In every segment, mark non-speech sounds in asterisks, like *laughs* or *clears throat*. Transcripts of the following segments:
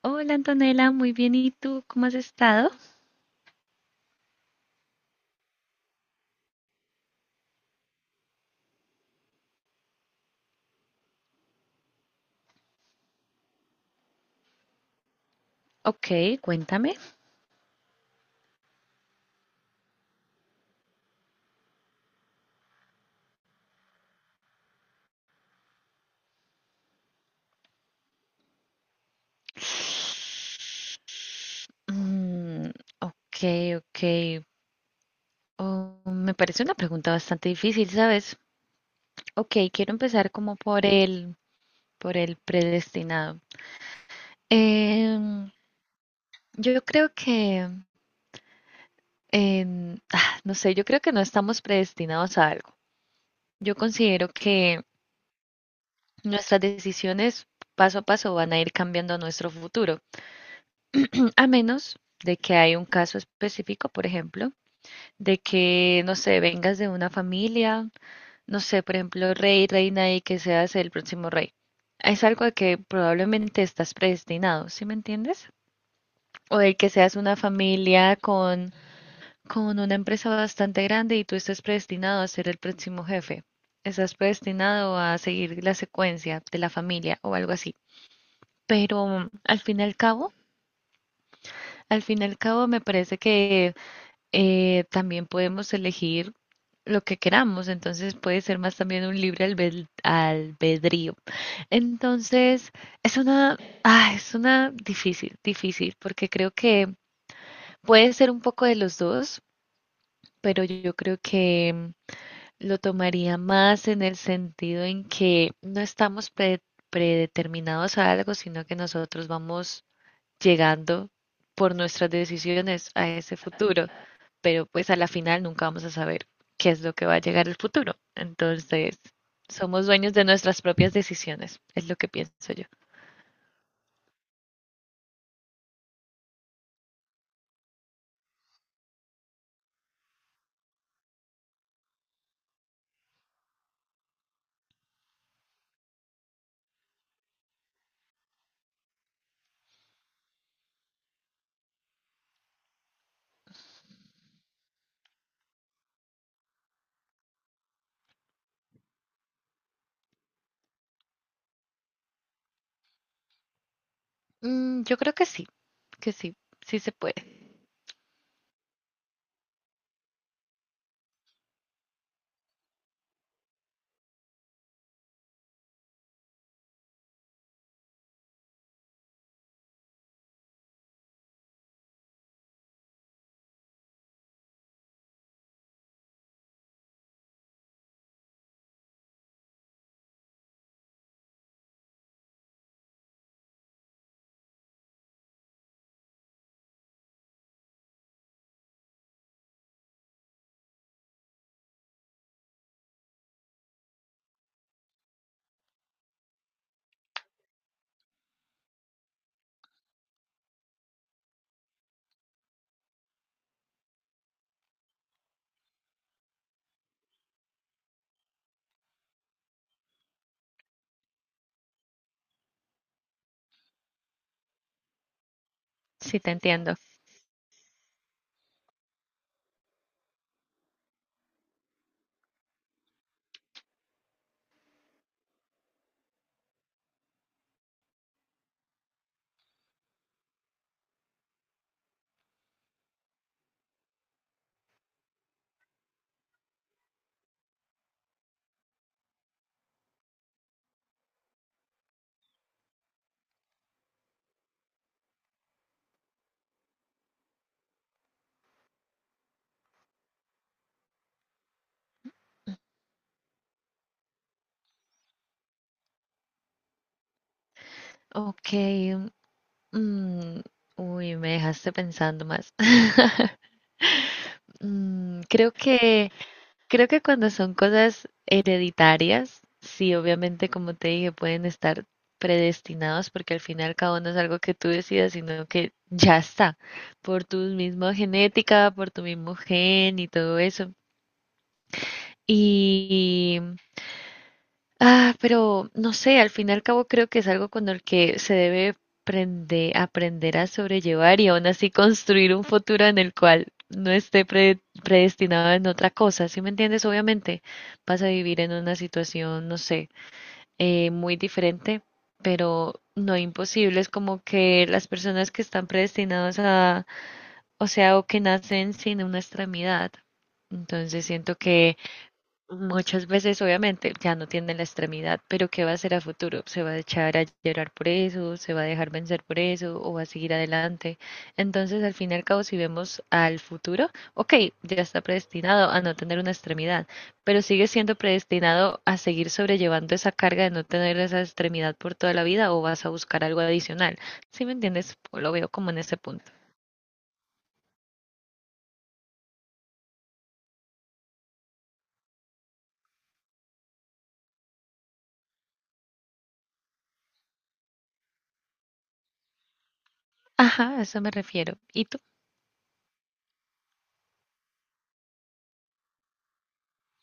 Hola Antonella, muy bien. ¿Y tú cómo has estado? Ok, cuéntame. Mm, ok, ok. Oh, me parece una pregunta bastante difícil, ¿sabes? Ok, quiero empezar como por el predestinado. Em, yo creo que, no sé, yo creo que no estamos predestinados a algo. Yo considero que nuestras decisiones paso a paso van a ir cambiando nuestro futuro. *clears throat* A menos de que hay un caso específico, por ejemplo, de que, no sé, vengas de una familia, no sé, por ejemplo, rey, reina y que seas el próximo rey. Es algo de que probablemente estás predestinado, ¿sí me entiendes? O de que seas una familia con una empresa bastante grande y tú estés predestinado a ser el próximo jefe. Estás predestinado a seguir la secuencia de la familia o algo así. Pero al fin y al cabo, al fin y al cabo me parece que también podemos elegir lo que queramos, entonces puede ser más también un libre albedrío. Entonces, es una, es una difícil, difícil, porque creo que puede ser un poco de los dos, pero yo creo que lo tomaría más en el sentido en que no estamos predeterminados a algo, sino que nosotros vamos llegando por nuestras decisiones a ese futuro, pero pues a la final nunca vamos a saber qué es lo que va a llegar el futuro. Entonces, somos dueños de nuestras propias decisiones, es lo que pienso yo. Mm, yo creo que sí, sí se puede. Sí te entiendo. Ok. Mm, uy, me dejaste pensando más. *laughs* Mm, creo que Creo que cuando son cosas hereditarias, sí, obviamente, como te dije, pueden estar predestinados porque al fin y al cabo no es algo que tú decidas, sino que ya está, por tu misma genética, por tu mismo gen y todo eso. Y pero no sé, al fin y al cabo creo que es algo con el que se debe aprender a sobrellevar y aún así construir un futuro en el cual no esté predestinado en otra cosa, ¿sí me entiendes? Obviamente vas a vivir en una situación, no sé, muy diferente, pero no imposible. Es como que las personas que están predestinadas a, o sea, o que nacen sin una extremidad. Entonces siento que Muchas veces, obviamente, ya no tiene la extremidad, pero ¿qué va a hacer a futuro? ¿Se va a echar a llorar por eso? ¿Se va a dejar vencer por eso? ¿O va a seguir adelante? Entonces, al fin y al cabo, si vemos al futuro, ok, ya está predestinado a no tener una extremidad, pero sigue siendo predestinado a seguir sobrellevando esa carga de no tener esa extremidad por toda la vida o vas a buscar algo adicional. ¿Sí me entiendes? Lo veo como en ese punto. Ajá, a eso me refiero. ¿Y tú?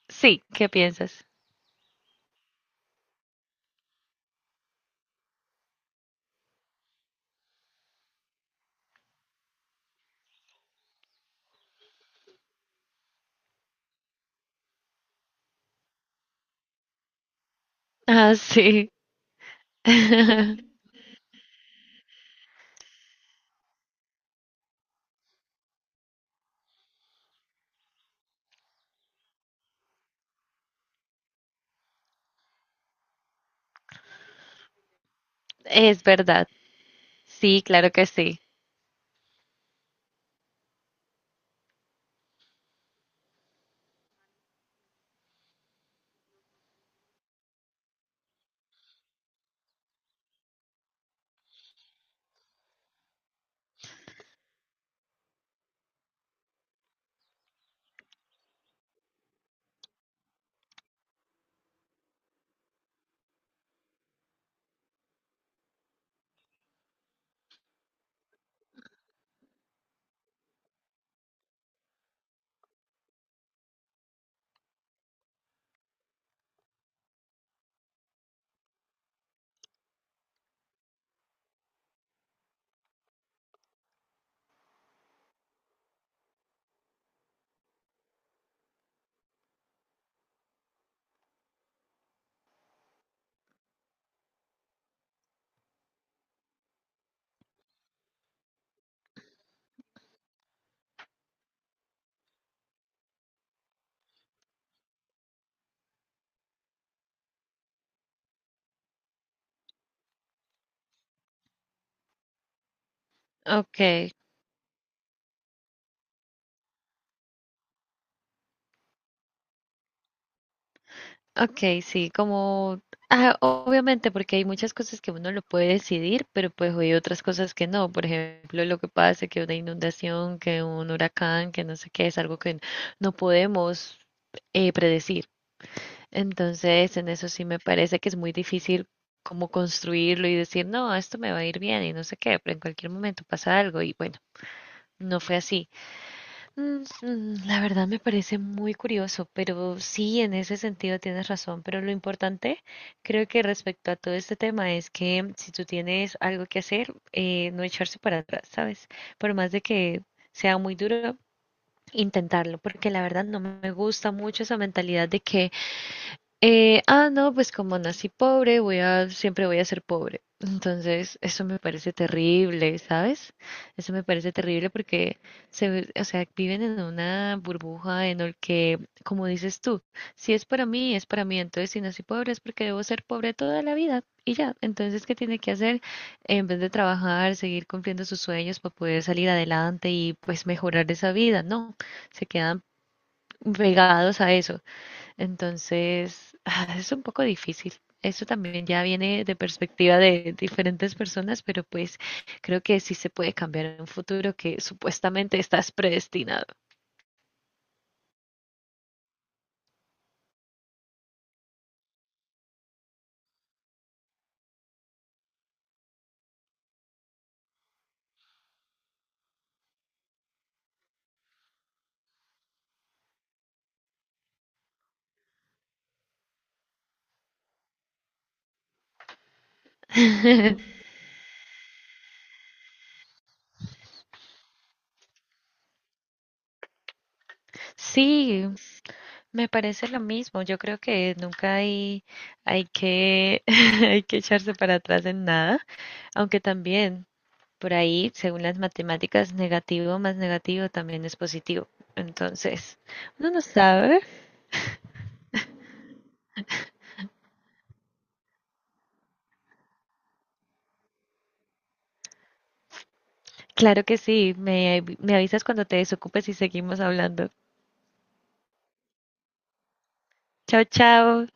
Sí, ¿qué piensas? Ah, sí. *laughs* Es verdad, sí, claro que sí. Ok, ok, sí, como, ah, obviamente, porque hay muchas cosas que uno lo puede decidir, pero pues hay otras cosas que no. Por ejemplo, lo que pasa, que una inundación, que un huracán, que no sé qué, es algo que no podemos predecir. Entonces, en eso sí me parece que es muy difícil como construirlo y decir, no, esto me va a ir bien y no sé qué, pero en cualquier momento pasa algo y bueno, no fue así. Mm, mm, la verdad me parece muy curioso, pero sí, en ese sentido tienes razón. Pero lo importante, creo que respecto a todo este tema, es que si tú tienes algo que hacer, no echarse para atrás, ¿sabes? Por más de que sea muy duro, intentarlo, porque la verdad no me gusta mucho esa mentalidad de que no, pues como nací pobre, voy a, siempre voy a ser pobre. Entonces, eso me parece terrible, ¿sabes? Eso me parece terrible porque o sea, viven en una burbuja en el que, como dices tú, si es para mí, es para mí. Entonces, si nací pobre es porque debo ser pobre toda la vida y ya. Entonces, ¿qué tiene que hacer? En vez de trabajar, seguir cumpliendo sus sueños para poder salir adelante y pues mejorar esa vida, no. Se quedan pegados a eso. Entonces, *laughs* ah, es un poco difícil. Eso también ya viene de perspectiva de diferentes personas, pero pues creo que sí se puede cambiar en un futuro que supuestamente estás predestinado. *laughs* Sí, me parece lo mismo. Yo creo que nunca hay, hay que, *laughs* hay que echarse para atrás en nada, aunque también por ahí, según las matemáticas, negativo más negativo también es positivo. Entonces, uno no sabe. Claro que sí, me avisas cuando te desocupes y seguimos hablando. Chao, chao.